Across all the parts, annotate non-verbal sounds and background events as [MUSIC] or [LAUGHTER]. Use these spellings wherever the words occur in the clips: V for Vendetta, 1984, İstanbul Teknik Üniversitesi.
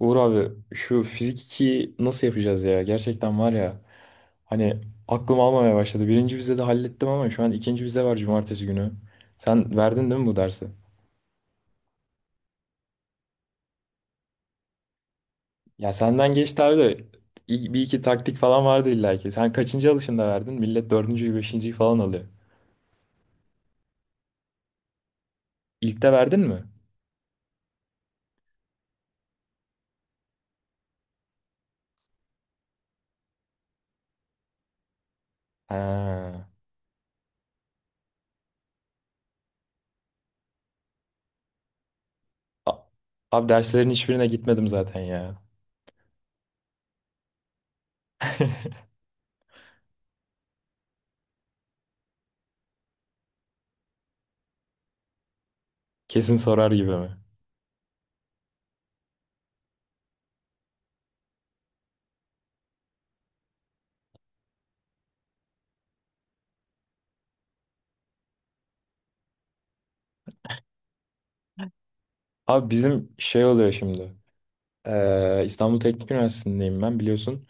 Uğur abi şu fizik 2'yi nasıl yapacağız ya? Gerçekten var ya, hani aklım almamaya başladı. Birinci vizede hallettim ama şu an ikinci vize var cumartesi günü. Sen verdin değil mi bu dersi? Ya senden geçti abi de bir iki taktik falan vardı illa ki. Sen kaçıncı alışında verdin? Millet dördüncüyü beşinciyi falan alıyor. İlkte verdin mi? Ha. A- Abi derslerin hiçbirine gitmedim zaten ya. Kesin sorar gibi mi? Abi bizim şey oluyor şimdi. İstanbul Teknik Üniversitesi'ndeyim ben biliyorsun.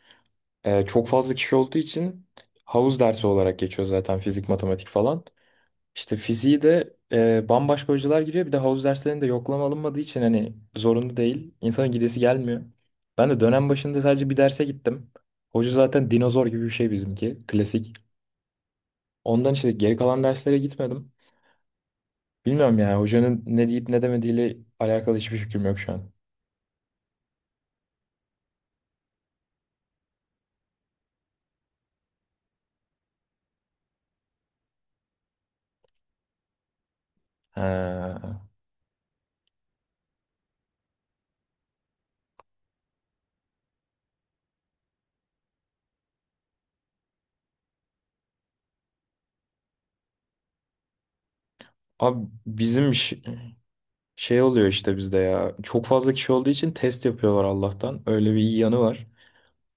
Çok fazla kişi olduğu için havuz dersi olarak geçiyor zaten fizik, matematik falan. İşte fiziği de bambaşka hocalar giriyor. Bir de havuz derslerinde yoklama alınmadığı için hani zorunlu değil. İnsanın gidesi gelmiyor. Ben de dönem başında sadece bir derse gittim. Hoca zaten dinozor gibi bir şey bizimki. Klasik. Ondan işte geri kalan derslere gitmedim. Bilmiyorum yani hocanın ne deyip ne demediğiyle alakalı hiçbir fikrim yok şu an. Ha. Abi bizim iş- Şey oluyor işte bizde ya. Çok fazla kişi olduğu için test yapıyorlar Allah'tan. Öyle bir iyi yanı var.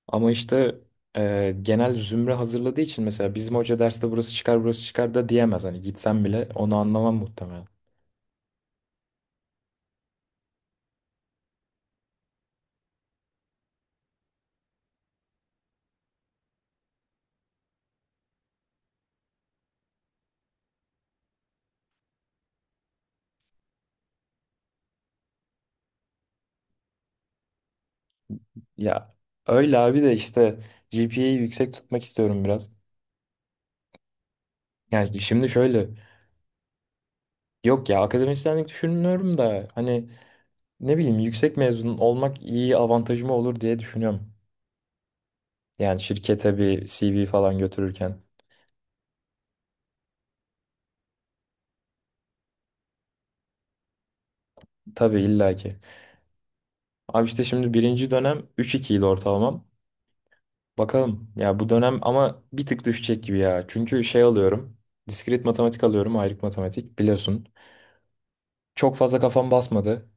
Ama işte genel zümre hazırladığı için mesela bizim hoca derste burası çıkar burası çıkar da diyemez. Hani gitsem bile onu anlamam muhtemelen. Ya öyle abi de işte GPA'yı yüksek tutmak istiyorum biraz. Yani şimdi şöyle. Yok ya akademisyenlik düşünmüyorum da hani ne bileyim yüksek mezun olmak iyi avantajım olur diye düşünüyorum. Yani şirkete bir CV falan götürürken. Tabii illaki. Abi işte şimdi birinci dönem 3.2 ile ortalamam. Bakalım ya bu dönem ama bir tık düşecek gibi ya. Çünkü şey alıyorum. Diskret matematik alıyorum. Ayrık matematik biliyorsun. Çok fazla kafam basmadı.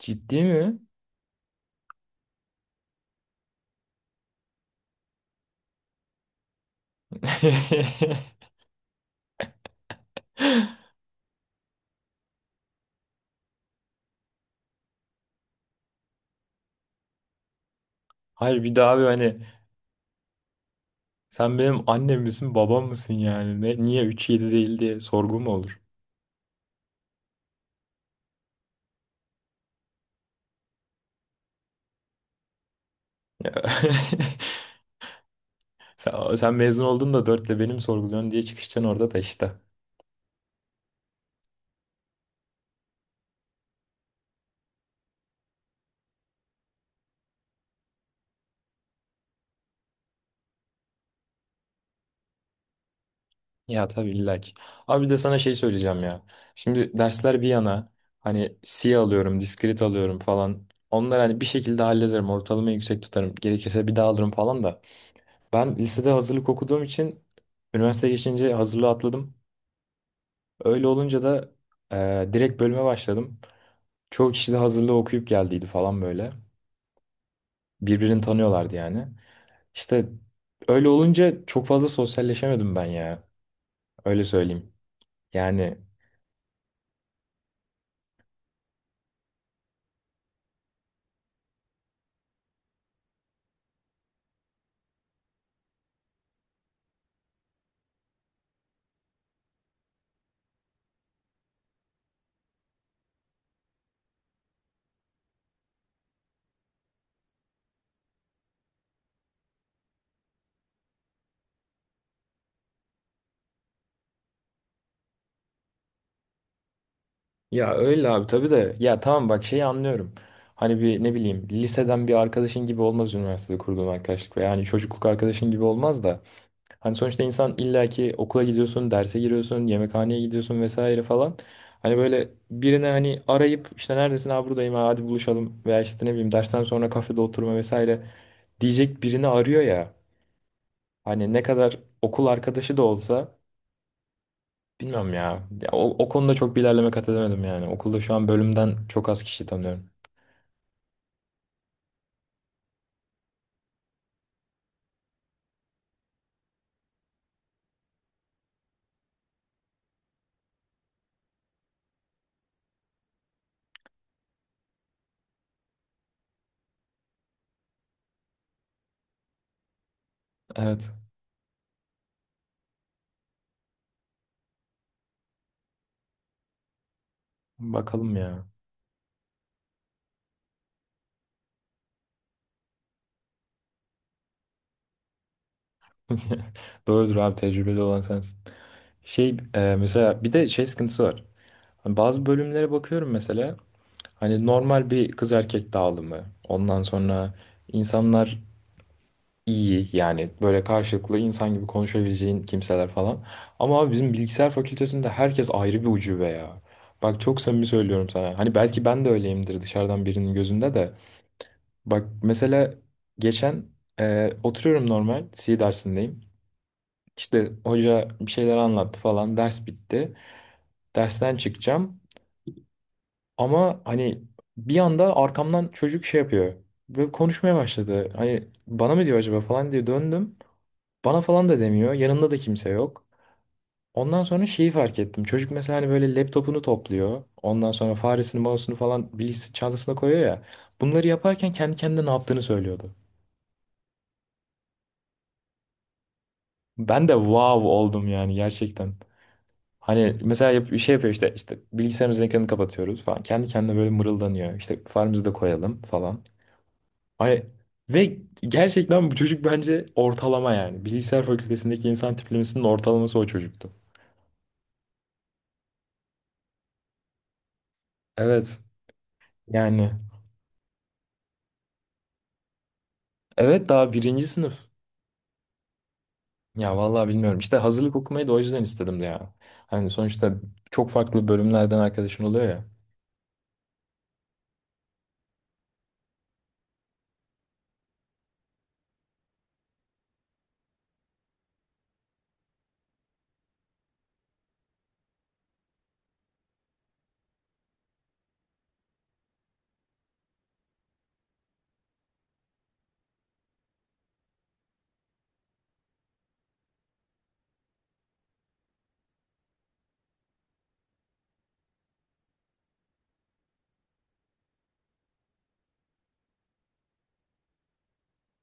Ciddi mi? [LAUGHS] Hayır bir daha abi hani sen benim annem misin babam mısın yani? Ne, niye 3.7 değil diye sorgu mu olur? [LAUGHS] Sen mezun oldun da dörtle benim sorguluyorsun diye çıkışacaksın orada da işte. Ya tabii illa ki. Abi bir de sana şey söyleyeceğim ya. Şimdi dersler bir yana, hani C alıyorum, diskrit alıyorum falan. Onları hani bir şekilde hallederim. Ortalamayı yüksek tutarım. Gerekirse bir daha alırım falan da. Ben lisede hazırlık okuduğum için üniversiteye geçince hazırlığı atladım. Öyle olunca da direkt bölüme başladım. Çoğu kişi de hazırlığı okuyup geldiydi falan böyle. Birbirini tanıyorlardı yani. İşte öyle olunca çok fazla sosyalleşemedim ben ya. Öyle söyleyeyim. Yani ya öyle abi tabii de ya tamam bak şeyi anlıyorum. Hani bir ne bileyim liseden bir arkadaşın gibi olmaz üniversitede kurduğun arkadaşlık ve yani çocukluk arkadaşın gibi olmaz da. Hani sonuçta insan illaki okula gidiyorsun, derse giriyorsun, yemekhaneye gidiyorsun vesaire falan. Hani böyle birine hani arayıp işte neredesin abi buradayım ha, hadi buluşalım veya işte ne bileyim dersten sonra kafede oturma vesaire diyecek birini arıyor ya. Hani ne kadar okul arkadaşı da olsa bilmiyorum ya. Ya o konuda çok bir ilerleme kat edemedim yani. Okulda şu an bölümden çok az kişi tanıyorum. Evet. Bakalım ya. [LAUGHS] Doğrudur abi tecrübeli olan sensin. Şey mesela bir de şey sıkıntısı var. Hani bazı bölümlere bakıyorum mesela. Hani normal bir kız erkek dağılımı. Ondan sonra insanlar iyi yani böyle karşılıklı insan gibi konuşabileceğin kimseler falan. Ama abi bizim bilgisayar fakültesinde herkes ayrı bir ucube ya. Bak çok samimi söylüyorum sana. Hani belki ben de öyleyimdir dışarıdan birinin gözünde de. Bak mesela geçen oturuyorum normal C dersindeyim. İşte hoca bir şeyler anlattı falan ders bitti. Dersten çıkacağım. Ama hani bir anda arkamdan çocuk şey yapıyor. Böyle konuşmaya başladı. Hani bana mı diyor acaba falan diye döndüm. Bana falan da demiyor. Yanında da kimse yok. Ondan sonra şeyi fark ettim. Çocuk mesela hani böyle laptopunu topluyor. Ondan sonra faresini, mouse'unu falan bilgisayar çantasına koyuyor ya. Bunları yaparken kendi kendine ne yaptığını söylüyordu. Ben de wow oldum yani gerçekten. Hani mesela şey yapıyor işte işte bilgisayarımızın ekranını kapatıyoruz falan. Kendi kendine böyle mırıldanıyor. İşte faremizi de koyalım falan. Ay, ve gerçekten bu çocuk bence ortalama yani. Bilgisayar fakültesindeki insan tiplemesinin ortalaması o çocuktu. Evet. Yani. Evet daha birinci sınıf. Ya vallahi bilmiyorum. İşte hazırlık okumayı da o yüzden istedim de ya. Hani sonuçta çok farklı bölümlerden arkadaşın oluyor ya.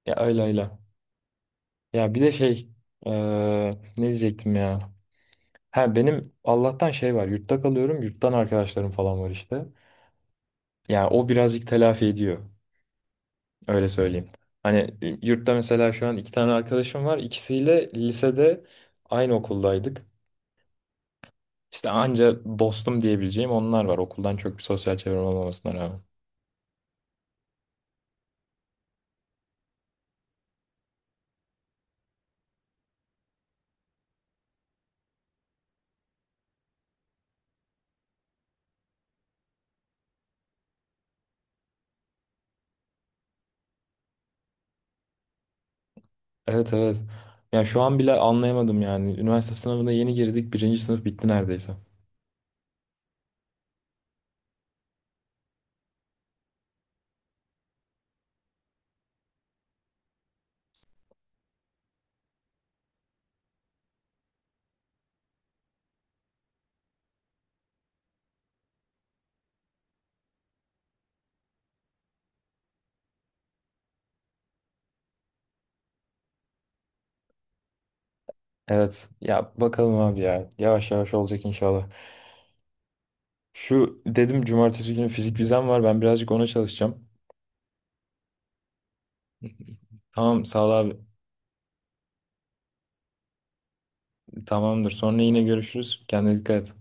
Ya öyle öyle. Ya bir de şey. eee, Ne diyecektim ya. Ha benim Allah'tan şey var. Yurtta kalıyorum. Yurttan arkadaşlarım falan var işte. Ya o birazcık telafi ediyor. Öyle söyleyeyim. Hani yurtta mesela şu an iki tane arkadaşım var. İkisiyle lisede aynı okuldaydık. İşte anca dostum diyebileceğim onlar var. Okuldan çok bir sosyal çevrem olmamasına rağmen. Evet, evet. Yani şu an bile anlayamadım yani. Üniversite sınavına yeni girdik. Birinci sınıf bitti neredeyse. Evet. Ya bakalım abi ya. Yavaş yavaş olacak inşallah. Şu dedim cumartesi günü fizik vizem var. Ben birazcık ona çalışacağım. Tamam sağ ol abi. Tamamdır. Sonra yine görüşürüz. Kendine dikkat et.